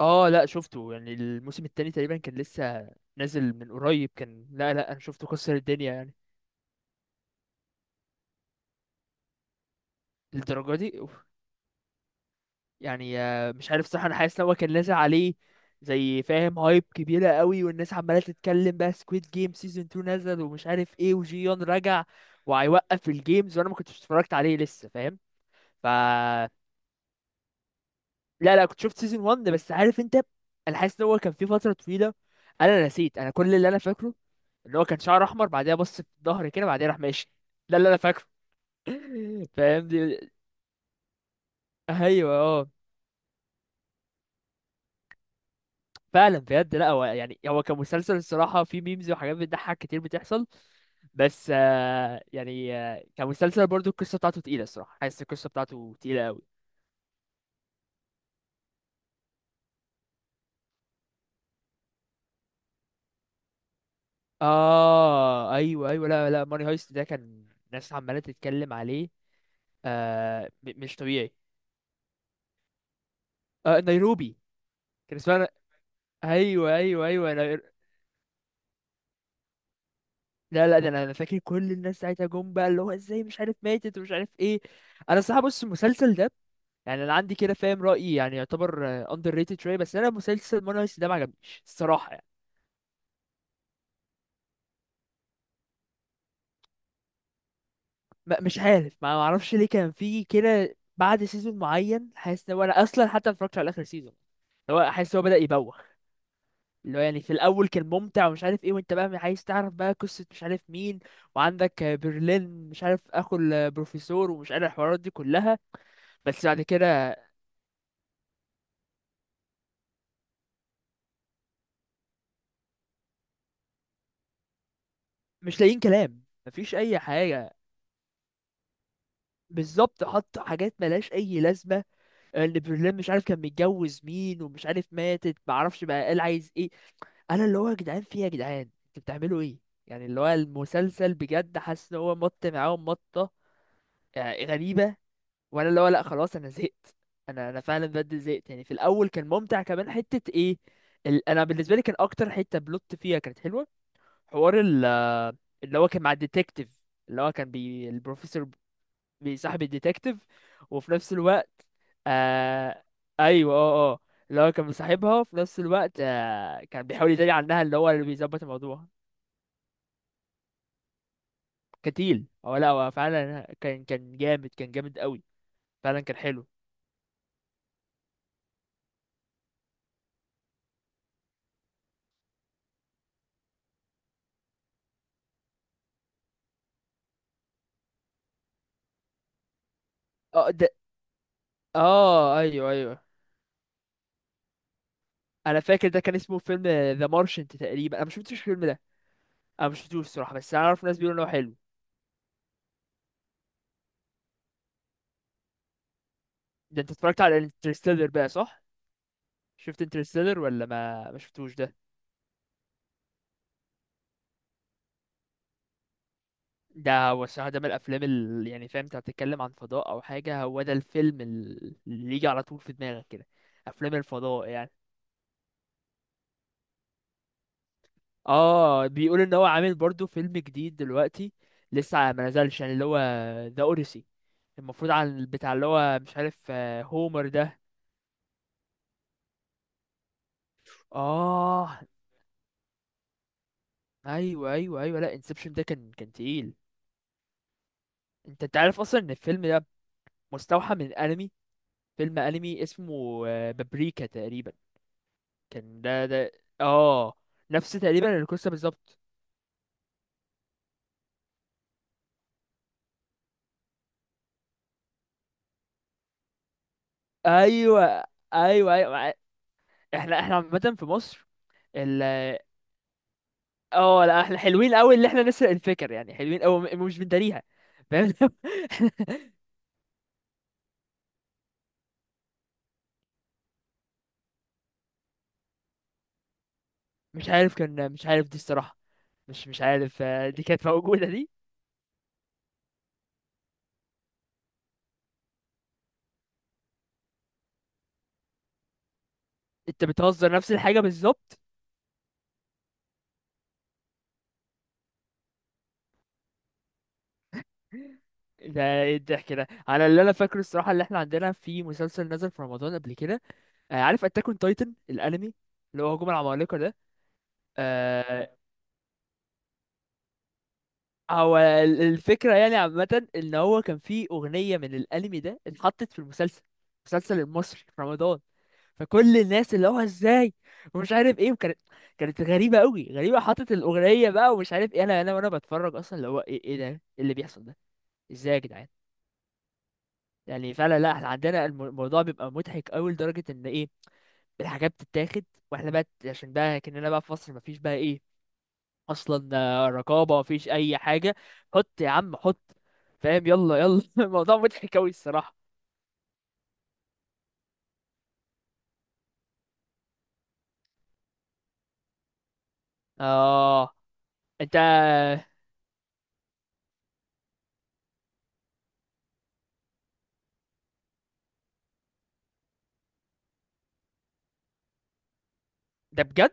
اه لا شفته، يعني الموسم التاني تقريبا كان لسه نازل من قريب، كان لا انا شفته كسر الدنيا يعني للدرجه دي. أوف. يعني مش عارف صح، انا حاسس ان هو كان نازل عليه زي فاهم هايب كبيره قوي والناس عماله تتكلم بقى سكويد جيم سيزون 2 نزل ومش عارف ايه وجيون رجع وهيوقف الجيمز وانا ما كنتش اتفرجت عليه لسه فاهم ف. لا كنت شفت سيزون 1 بس عارف انت، انا حاسس ان هو كان في فتره طويله، انا نسيت، انا كل اللي انا فاكره اللي هو كان شعره احمر بعدها بص في ظهري كده بعدها راح ماشي، ده اللي انا فاكره. فاهم دي. ايوه اه، فعلا بجد، لا هو يعني هو كمسلسل الصراحه في ميمز وحاجات بتضحك كتير بتحصل، بس كمسلسل برضو القصه بتاعته تقيله الصراحه، حاسس القصه بتاعته تقيله قوي. اه ايوه ايوه، لا ماني هايست ده كان ناس عماله تتكلم عليه مش طبيعي. آه نيروبي كان اسمها. ايوه ايوه ايوه، لا ده انا فاكر كل الناس ساعتها جم بقى اللي هو ازاي مش عارف ماتت ومش عارف ايه. انا الصراحه بص المسلسل ده يعني انا عندي كده فاهم رايي يعني يعتبر اندر ريتد شويه، بس انا مسلسل مون هايست ده ما عجبنيش الصراحه يعني. مش عارف، ما اعرفش ليه، كان فيه كده بعد سيزون معين حاسس ان هو، انا اصلا حتى ما اتفرجتش على اخر سيزون، اللي هو حاسس ان هو بدا يبوخ، اللي هو يعني في الاول كان ممتع ومش عارف ايه وانت بقى عايز تعرف بقى قصه مش عارف مين، وعندك برلين مش عارف اخو البروفيسور ومش عارف الحوارات دي كلها. بس بعد كده مش لاقيين كلام، مفيش اي حاجه، بالظبط، حط حاجات ملهاش اي لازمه. اللي برلين مش عارف كان متجوز مين ومش عارف ماتت معرفش بقى قال عايز ايه. انا اللي هو يا جدعان في إيه يا جدعان، انتوا بتعملوا ايه؟ يعني اللي هو المسلسل بجد حاسس ان هو مط معاهم مطه، غريبه. وانا اللي هو لا خلاص انا زهقت، انا فعلا بجد زهقت، يعني في الاول كان ممتع كمان حته ايه ال... انا بالنسبه لي كان اكتر حته بلوت فيها كانت حلوه حوار ال... آه، اللي هو كان مع الديتكتيف، اللي هو كان البروفيسور بيصاحب الديتكتيف، وفي نفس الوقت آه. ايوه اه اه، اللي هو كان مصاحبها وفي نفس الوقت آه كان بيحاول يداري عنها اللي هو اللي بيظبط الموضوع كتيل. هو لا هو فعلا كان جامد، كان جامد قوي. فعلا كان حلو. اه ده، اه ايوه ايوه، انا فاكر ده كان اسمه فيلم ذا مارشنت تقريبا، انا ما شفتش الفيلم ده، انا ما شفتوش الصراحه بس انا اعرف ناس بيقولوا انه حلو. ده انت اتفرجت على انترستيلر بقى صح؟ شفت انترستيلر ولا ما شفتوش ده؟ ده هو الصراحة ده من الأفلام اللي يعني فاهم أنت هتتكلم عن فضاء أو حاجة هو ده الفيلم اللي يجي على طول في دماغك كده، أفلام الفضاء يعني. اه بيقول إن هو عامل برضو فيلم جديد دلوقتي، لسه ما نزلش، يعني اللي هو ذا أوديسي، المفروض عن بتاع اللي هو مش عارف هومر ده. اه أيوه أيوه أيوه، لأ انسبشن ده كان تقيل. أنت عارف أصلا إن الفيلم ده مستوحى من أنمي، فيلم أنمي اسمه بابريكا تقريبا، كان ده. اه نفس تقريبا القصه بالظبط. ايوه ايوه ايوه أيوه. احنا عامه في مصر ال. اه لا احنا حلوين قوي، اللي احنا نسرق الفكر يعني حلوين قوي مش بنداريها، فاهم. مش عارف كان، مش عارف دي الصراحه. مش عارف دي كانت موجوده دي. انت بتهزر، نفس الحاجه بالظبط. ده ايه الضحك ده، على اللي انا فاكره الصراحه اللي احنا عندنا في مسلسل نزل في رمضان قبل كده، عارف اتاك اون تايتن الانمي، اللي هو هجوم العمالقه ده. آه، هو الفكرة يعني عامة ان هو كان في اغنية من الانمي ده اتحطت في المسلسل، المسلسل المصري في رمضان، فكل الناس اللي هو ازاي ومش عارف ايه، وكانت كانت غريبة قوي، غريبة حطت الاغنية بقى ومش عارف ايه، انا وانا بتفرج اصلا اللي هو ايه ايه ده إيه اللي بيحصل ده. ازاي يا جدعان، يعني فعلا لا احنا عندنا الموضوع بيبقى مضحك قوي لدرجة ان ايه الحاجات بتتاخد، واحنا بقى عشان بقى كأننا بقى في مصر مفيش بقى ايه اصلا، رقابه مفيش اي حاجه، حط يا عم حط فاهم، يلا يلا. الموضوع مضحك قوي الصراحه. اه انت ده بجد،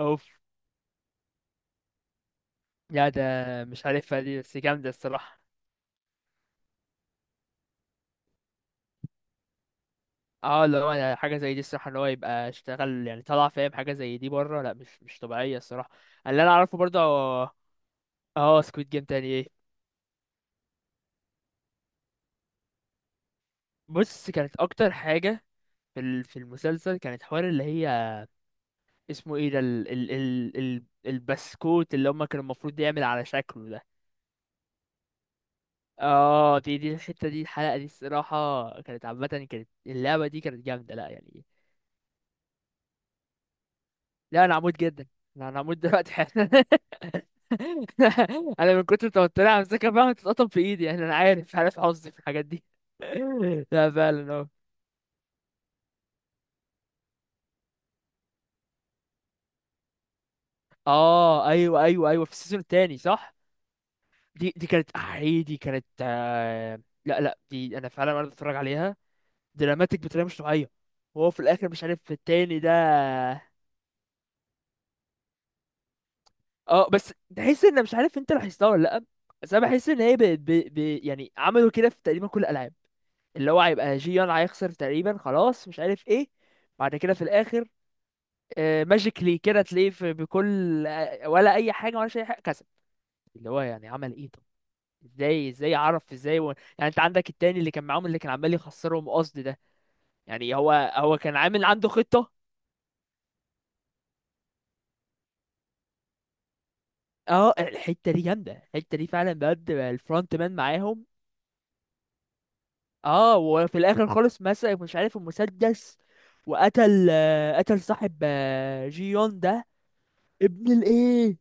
اوف. لا ده مش عارفها دي بس جامده الصراحه. اه لو انا حاجه زي دي الصراحه ان هو يبقى اشتغل يعني طلع فاهم حاجه زي دي بره، لا مش طبيعيه الصراحه. اللي انا اعرفه برضه. اه سكويد جيم تاني ايه. بص كانت اكتر حاجه في المسلسل، كانت حوار اللي هي اسمه ايه ده ال البسكوت اللي هما كانوا المفروض يعمل على شكله ده. اه دي الحتة، دي الحلقة دي الصراحة كانت عامة، كانت اللعبة دي كانت جامدة لا يعني. لا انا عمود جدا، لا انا عمود دلوقتي حالا. انا من كتر توتري همسكها فعلا تتقطم في ايدي، يعني انا عارف حظي في الحاجات دي. لا فعلا اه. اه ايوه ايوه ايوه، في السيزون التاني صح. دي كانت احي، دي كانت لا دي انا فعلا وانا بتفرج عليها دراماتيك بطريقه مش طبيعيه. وهو في الاخر مش عارف التاني ده. اه بس تحس ان مش عارف انت لاحظتها ولا لا، بس انا بحس ان هي يعني عملوا كده في تقريبا كل الالعاب، اللي هو هيبقى جيان هيخسر تقريبا خلاص مش عارف ايه، بعد كده في الاخر ماجيكلي كده تلاقيه في بكل ولا اي حاجه ولا اي حاجه كسب، اللي هو يعني عمل ايه طب، ازاي عرف ازاي و... يعني انت عندك التاني اللي كان معاهم اللي كان عمال يخسرهم قصد ده، يعني هو كان عامل عنده خطه. اه الحته دي جامده، الحته دي فعلا بجد الفرونت مان معاهم. اه وفي الاخر خالص مسك مش عارف المسدس، وقتل قتل صاحب جيون ده، ابن الايه.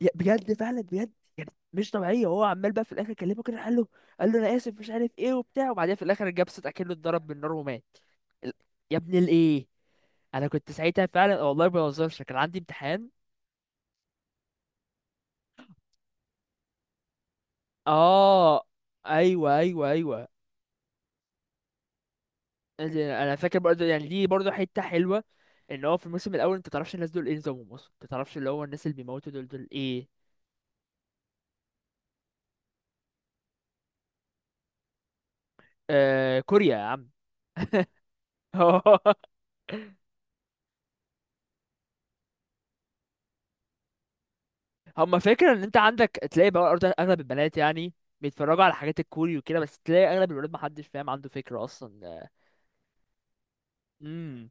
بجد فعلا بجد، يعني مش طبيعيه، هو عمال بقى في الاخر كلمه كده قال له، قال له انا اسف مش عارف ايه وبتاع، وبعدين في الاخر الجبس اتاكله، اتضرب بالنار ومات ال- يا ابن الايه. انا كنت ساعتها فعلا والله ما بهزرش كان عندي امتحان. اه ايوه ايوه ايوه. يعني انا فاكر برضه، يعني دي برضه حته حلوه، ان هو في الموسم الاول انت تعرفش الناس دول ايه نظامهم اصلا، انت تعرفش اللي هو الناس اللي بيموتوا دول دول ايه. آه كوريا يا عم. هم فاكر ان انت عندك تلاقي بقى برضه اغلب البنات يعني بيتفرجوا على حاجات الكوري وكده، بس تلاقي اغلب الولاد محدش فاهم عنده فكره اصلا. امم،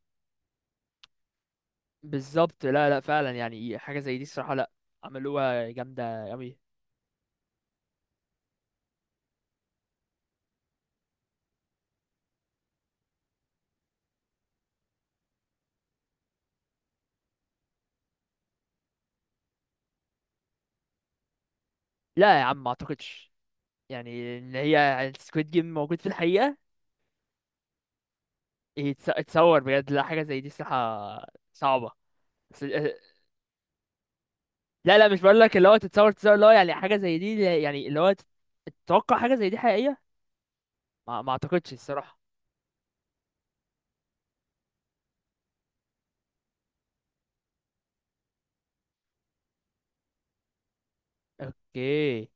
بالظبط، لا لا فعلا يعني حاجه زي دي الصراحه، لا عملوها جامده قوي. لا يا عم ما اعتقدش، يعني ان هي يعني سكويد جيم موجود في الحقيقه. يتصور بجد، لا حاجه زي دي صراحه صعبه، بس لا لا مش بقول لك اللي هو تتصور، تتصور اللي هو يعني حاجه زي دي يعني اللي هو تتوقع حاجه زي دي حقيقيه. ما اعتقدش الصراحه. اوكي